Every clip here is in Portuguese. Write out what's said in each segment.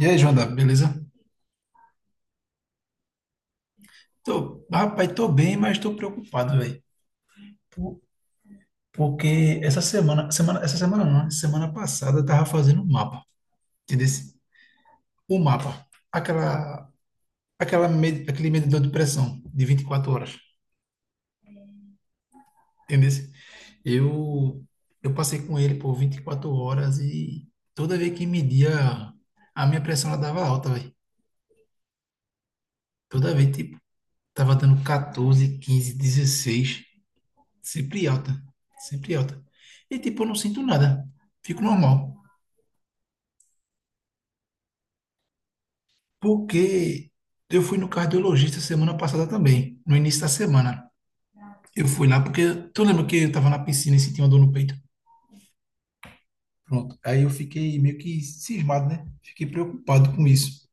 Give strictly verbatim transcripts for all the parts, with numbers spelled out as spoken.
E aí, Joana, beleza? Tô, rapaz, tô bem, mas tô preocupado, velho. Por- Porque essa semana, semana, essa semana não, né? Semana passada eu tava fazendo um mapa, entendeu? O mapa, aquela, aquela, med- aquele medidor de pressão de vinte e quatro horas, entendeu? Eu, eu passei com ele por vinte e quatro horas e toda vez que media, a minha pressão ela dava alta, velho. Toda vez, tipo, tava dando catorze, quinze, dezesseis. Sempre alta. Sempre alta. E tipo, eu não sinto nada. Fico normal. Porque eu fui no cardiologista semana passada também, no início da semana. Eu fui lá porque tu lembra que eu tava na piscina e senti uma dor no peito? Pronto. Aí eu fiquei meio que cismado, né? Fiquei preocupado com isso.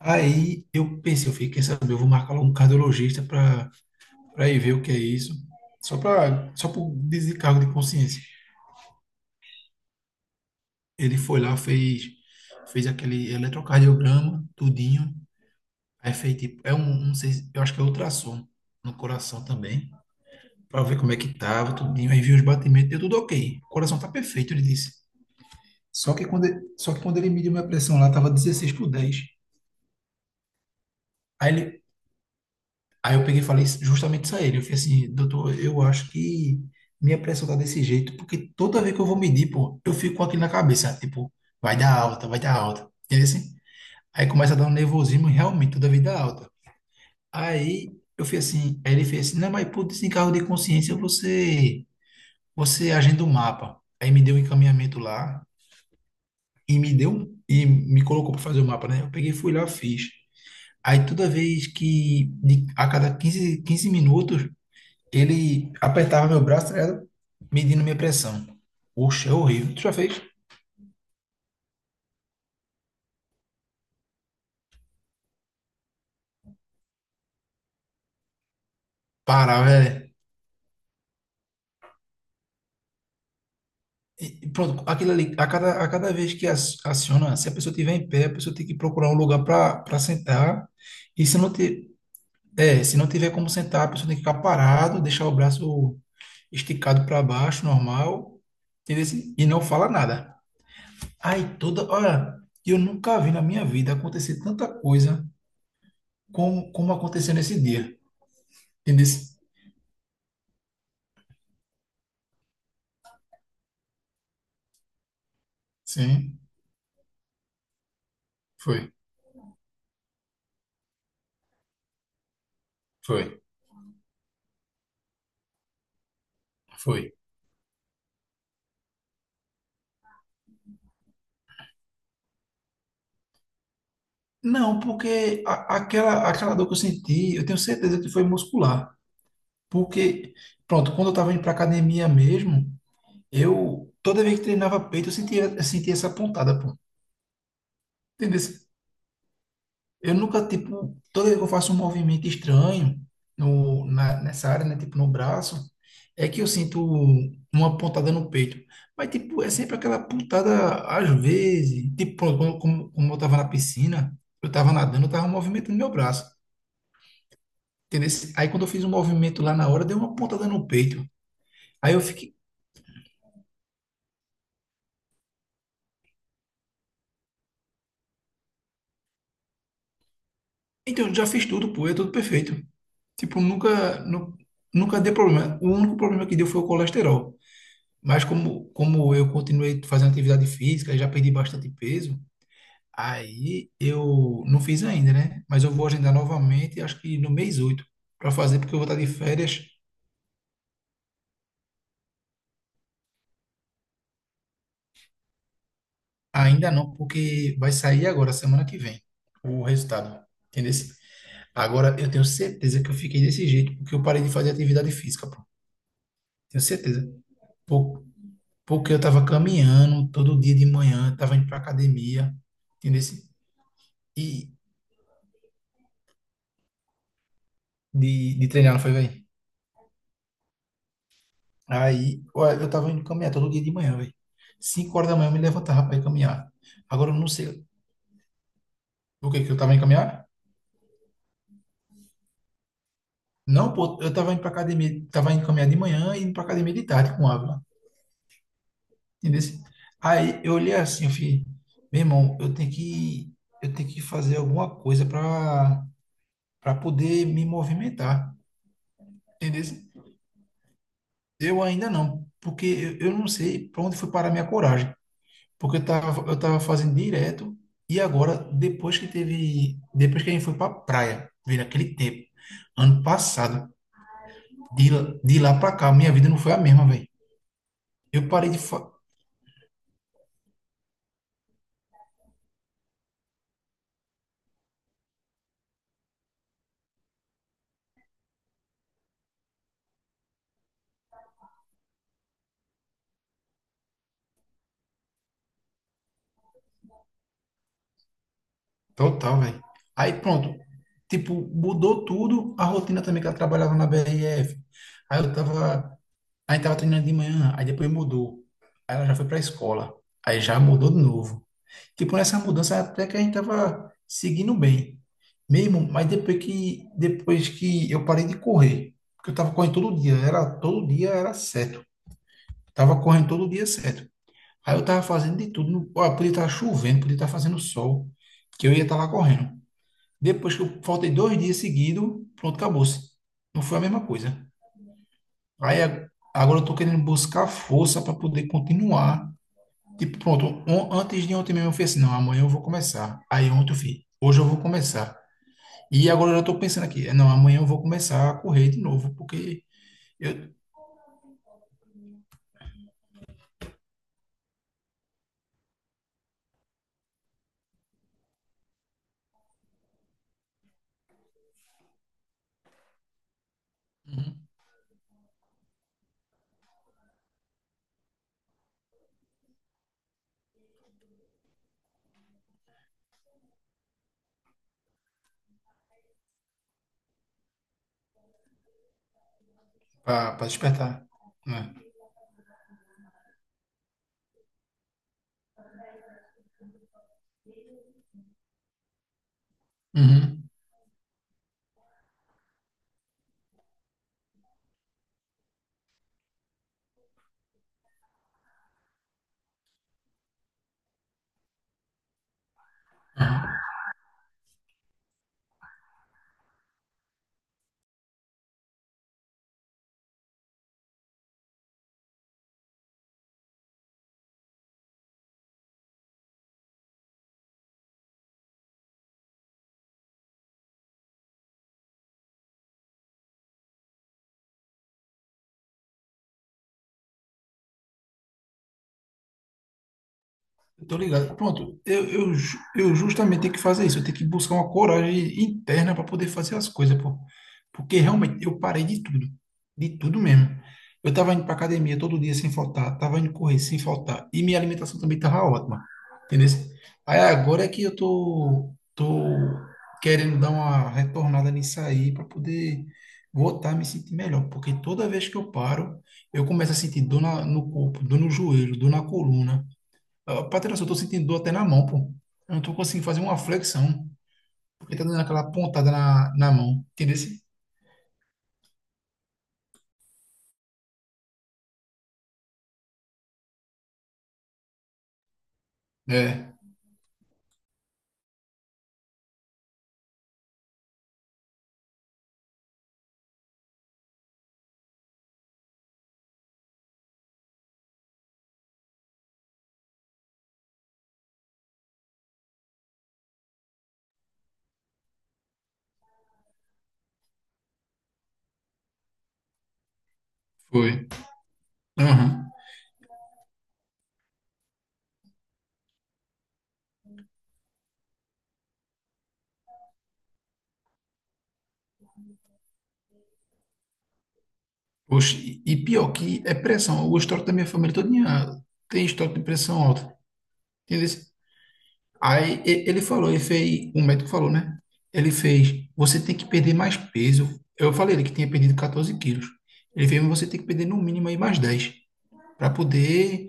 Aí eu pensei, eu fiquei, quer saber, eu vou marcar logo um cardiologista para para ir ver o que é isso, só para só por descargo de consciência. Ele foi lá, fez fez aquele eletrocardiograma, tudinho. Aí fez tipo, é um, não sei, se- eu acho que é ultrassom no coração também, pra ver como é que tava, tudinho, aí viu os batimentos, deu tudo ok. O coração tá perfeito, ele disse. Só que quando ele, só que quando ele mediu minha pressão lá, tava dezesseis por dez. Aí, ele, aí eu peguei e falei justamente isso a ele. Eu falei assim, doutor, eu acho que minha pressão tá desse jeito, porque toda vez que eu vou medir, pô, eu fico com aquilo na cabeça, tipo, vai dar alta, vai dar alta. Entendeu assim? Aí começa a dar um nervosismo, e realmente, toda vez dá alta. Aí eu fui assim, aí ele fez assim, não, mas por desencargo de consciência você você agenda o mapa. Aí me deu um encaminhamento lá e me deu um- e me colocou para fazer o mapa, né? Eu peguei, fui lá, fiz. Aí toda vez que de- a cada quinze quinze minutos ele apertava meu braço, tá ligado? Medindo minha pressão. Oxe, é horrível. Tu já fez? Para, velho. E- e Pronto, aquilo ali, a cada, a cada vez que ac- aciona, se a pessoa estiver em pé, a pessoa tem que procurar um lugar para sentar. E se não tiver. É, se não tiver como sentar, a pessoa tem que ficar parado, deixar o braço esticado para baixo, normal, entendeu? Assim, e não fala nada. Aí toda hora, eu nunca vi na minha vida acontecer tanta coisa como, como aconteceu nesse dia, entendeu? Sim, foi, foi, foi. Não, porque a- aquela, aquela dor que eu senti, eu tenho certeza que foi muscular. Porque, pronto, quando eu estava indo para academia mesmo, eu, toda vez que treinava peito, eu sentia, eu sentia essa pontada, pô. Entendeu? Eu nunca, tipo, toda vez que eu faço um movimento estranho no, na, nessa área, né? Tipo, no braço, é que eu sinto uma pontada no peito. Mas, tipo, é sempre aquela pontada, às vezes. Tipo, pronto, quando- como, como eu tava na piscina, eu tava nadando, eu tava movimentando meu braço. Entendeu? Aí, quando eu fiz um movimento lá na hora, deu uma pontada no peito. Aí eu fiquei, então, eu já fiz tudo, pô, é tudo perfeito. Tipo, nunca, nu, nunca deu problema. O único problema que deu foi o colesterol. Mas como, como eu continuei fazendo atividade física e já perdi bastante peso, aí eu não fiz ainda, né? Mas eu vou agendar novamente, acho que no mês oito para fazer, porque eu vou estar de férias. Ainda não, porque vai sair agora, semana que vem, o resultado. Entendeu? Agora eu tenho certeza que eu fiquei desse jeito, porque eu parei de fazer atividade física, pô. Tenho certeza. Por- Porque eu estava caminhando todo dia de manhã, estava indo para academia, entendeu? E de, de treinar, não foi, velho? Aí, ó, eu tava indo caminhar todo dia de manhã, velho. Cinco horas da manhã eu me levantava para ir caminhar. Agora eu não sei o que que eu tava indo caminhar. Não, pô, eu tava indo pra academia, tava indo caminhar de manhã e indo pra academia de tarde com Ávila, entendeu? Aí eu olhei assim, eu falei, meu irmão, eu tenho que, eu tenho que fazer alguma coisa para para poder me movimentar, entendeu? Eu ainda não, porque eu, eu não sei para onde foi parar minha coragem. Porque eu tava, eu tava fazendo direto e agora, depois que teve, depois que a gente foi pra praia, veio naquele tempo, ano passado, de, lá- de lá pra cá, minha vida não foi a mesma, velho. Eu parei de fa... total, velho. Aí pronto, tipo, mudou tudo, a rotina também que ela trabalhava na B R F. Aí eu tava, aí tava treinando de manhã, aí depois mudou. Aí ela já foi pra escola, aí já mudou de novo. Tipo, nessa mudança até que a gente tava seguindo bem. Mesmo, mas depois que, depois que eu parei de correr, porque eu tava correndo todo dia, era todo dia era certo. Tava correndo todo dia certo. Aí eu tava fazendo de tudo, não- ó, podia estar chovendo, podia estar fazendo sol, que eu ia estar lá correndo. Depois que eu faltei dois dias seguidos, pronto, acabou-se. Não foi a mesma coisa. Aí a- Agora eu tô querendo buscar força para poder continuar. Tipo, pronto, on- antes de ontem mesmo eu fiz assim, não, amanhã eu vou começar. Aí ontem eu fiz, hoje eu vou começar. E agora eu já tô pensando aqui, é, não, amanhã eu vou começar a correr de novo, porque eu, pra, pra despertar, né? Uhum. Uhum. Tô ligado. Pronto, eu, eu, ju- eu justamente tenho que fazer isso. Eu tenho que buscar uma coragem interna para poder fazer as coisas, pô. Porque realmente eu parei de tudo, de tudo mesmo. Eu tava indo para academia todo dia sem faltar, tava indo correr sem faltar e minha alimentação também tava ótima, entendeu? Aí agora é que eu tô, tô querendo dar uma retornada nisso aí para poder voltar a me sentir melhor, porque toda vez que eu paro, eu começo a sentir dor na- no corpo, dor no joelho, dor na coluna. Ó, Patrocínio, eu tô sentindo dor até na mão, pô. Eu não tô conseguindo fazer uma flexão, porque tá dando aquela pontada na, na mão. Entendeu? É, foi. Aham. Poxa, e e pior que é pressão. O histórico da minha família todinha tem histórico de pressão alta. Entendeu? Aí e- ele falou, ele fez, o médico falou, né? Ele fez, você tem que perder mais peso. Eu falei ele que tinha perdido catorze quilos. Ele fez, mas você tem que perder no mínimo aí mais dez para poder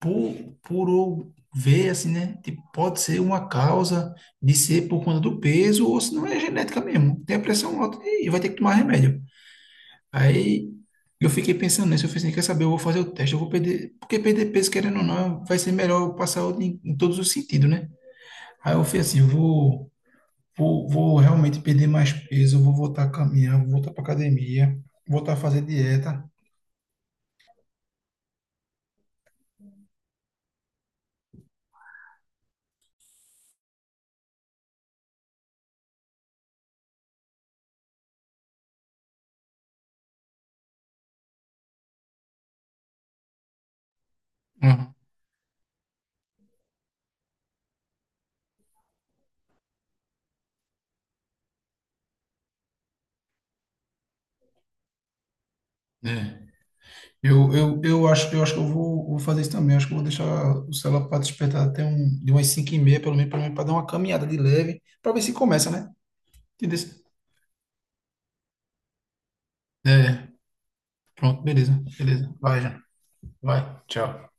por, por eu ver, assim, né? Tipo, pode ser uma causa de ser por conta do peso, ou se não é genética mesmo. Tem a pressão alta e vai ter que tomar remédio. Aí eu fiquei pensando nisso, eu falei assim, quer saber, eu vou fazer o teste, eu vou perder, porque perder peso, querendo ou não, vai ser melhor eu passar em, em todos os sentidos, né? Aí eu falei assim, eu vou, vou, vou realmente perder mais peso, eu vou voltar a caminhar, vou voltar para academia, voltar a fazer dieta. Uhum. É. Eu, eu, eu acho, eu acho que eu vou, vou fazer isso também. Acho que eu vou deixar o celular para despertar até um, de umas cinco e meia, pelo menos, pelo menos para dar uma caminhada de leve, para ver se começa, né? Entendeu? É, pronto, beleza, beleza. Vai, já. Vai, tchau.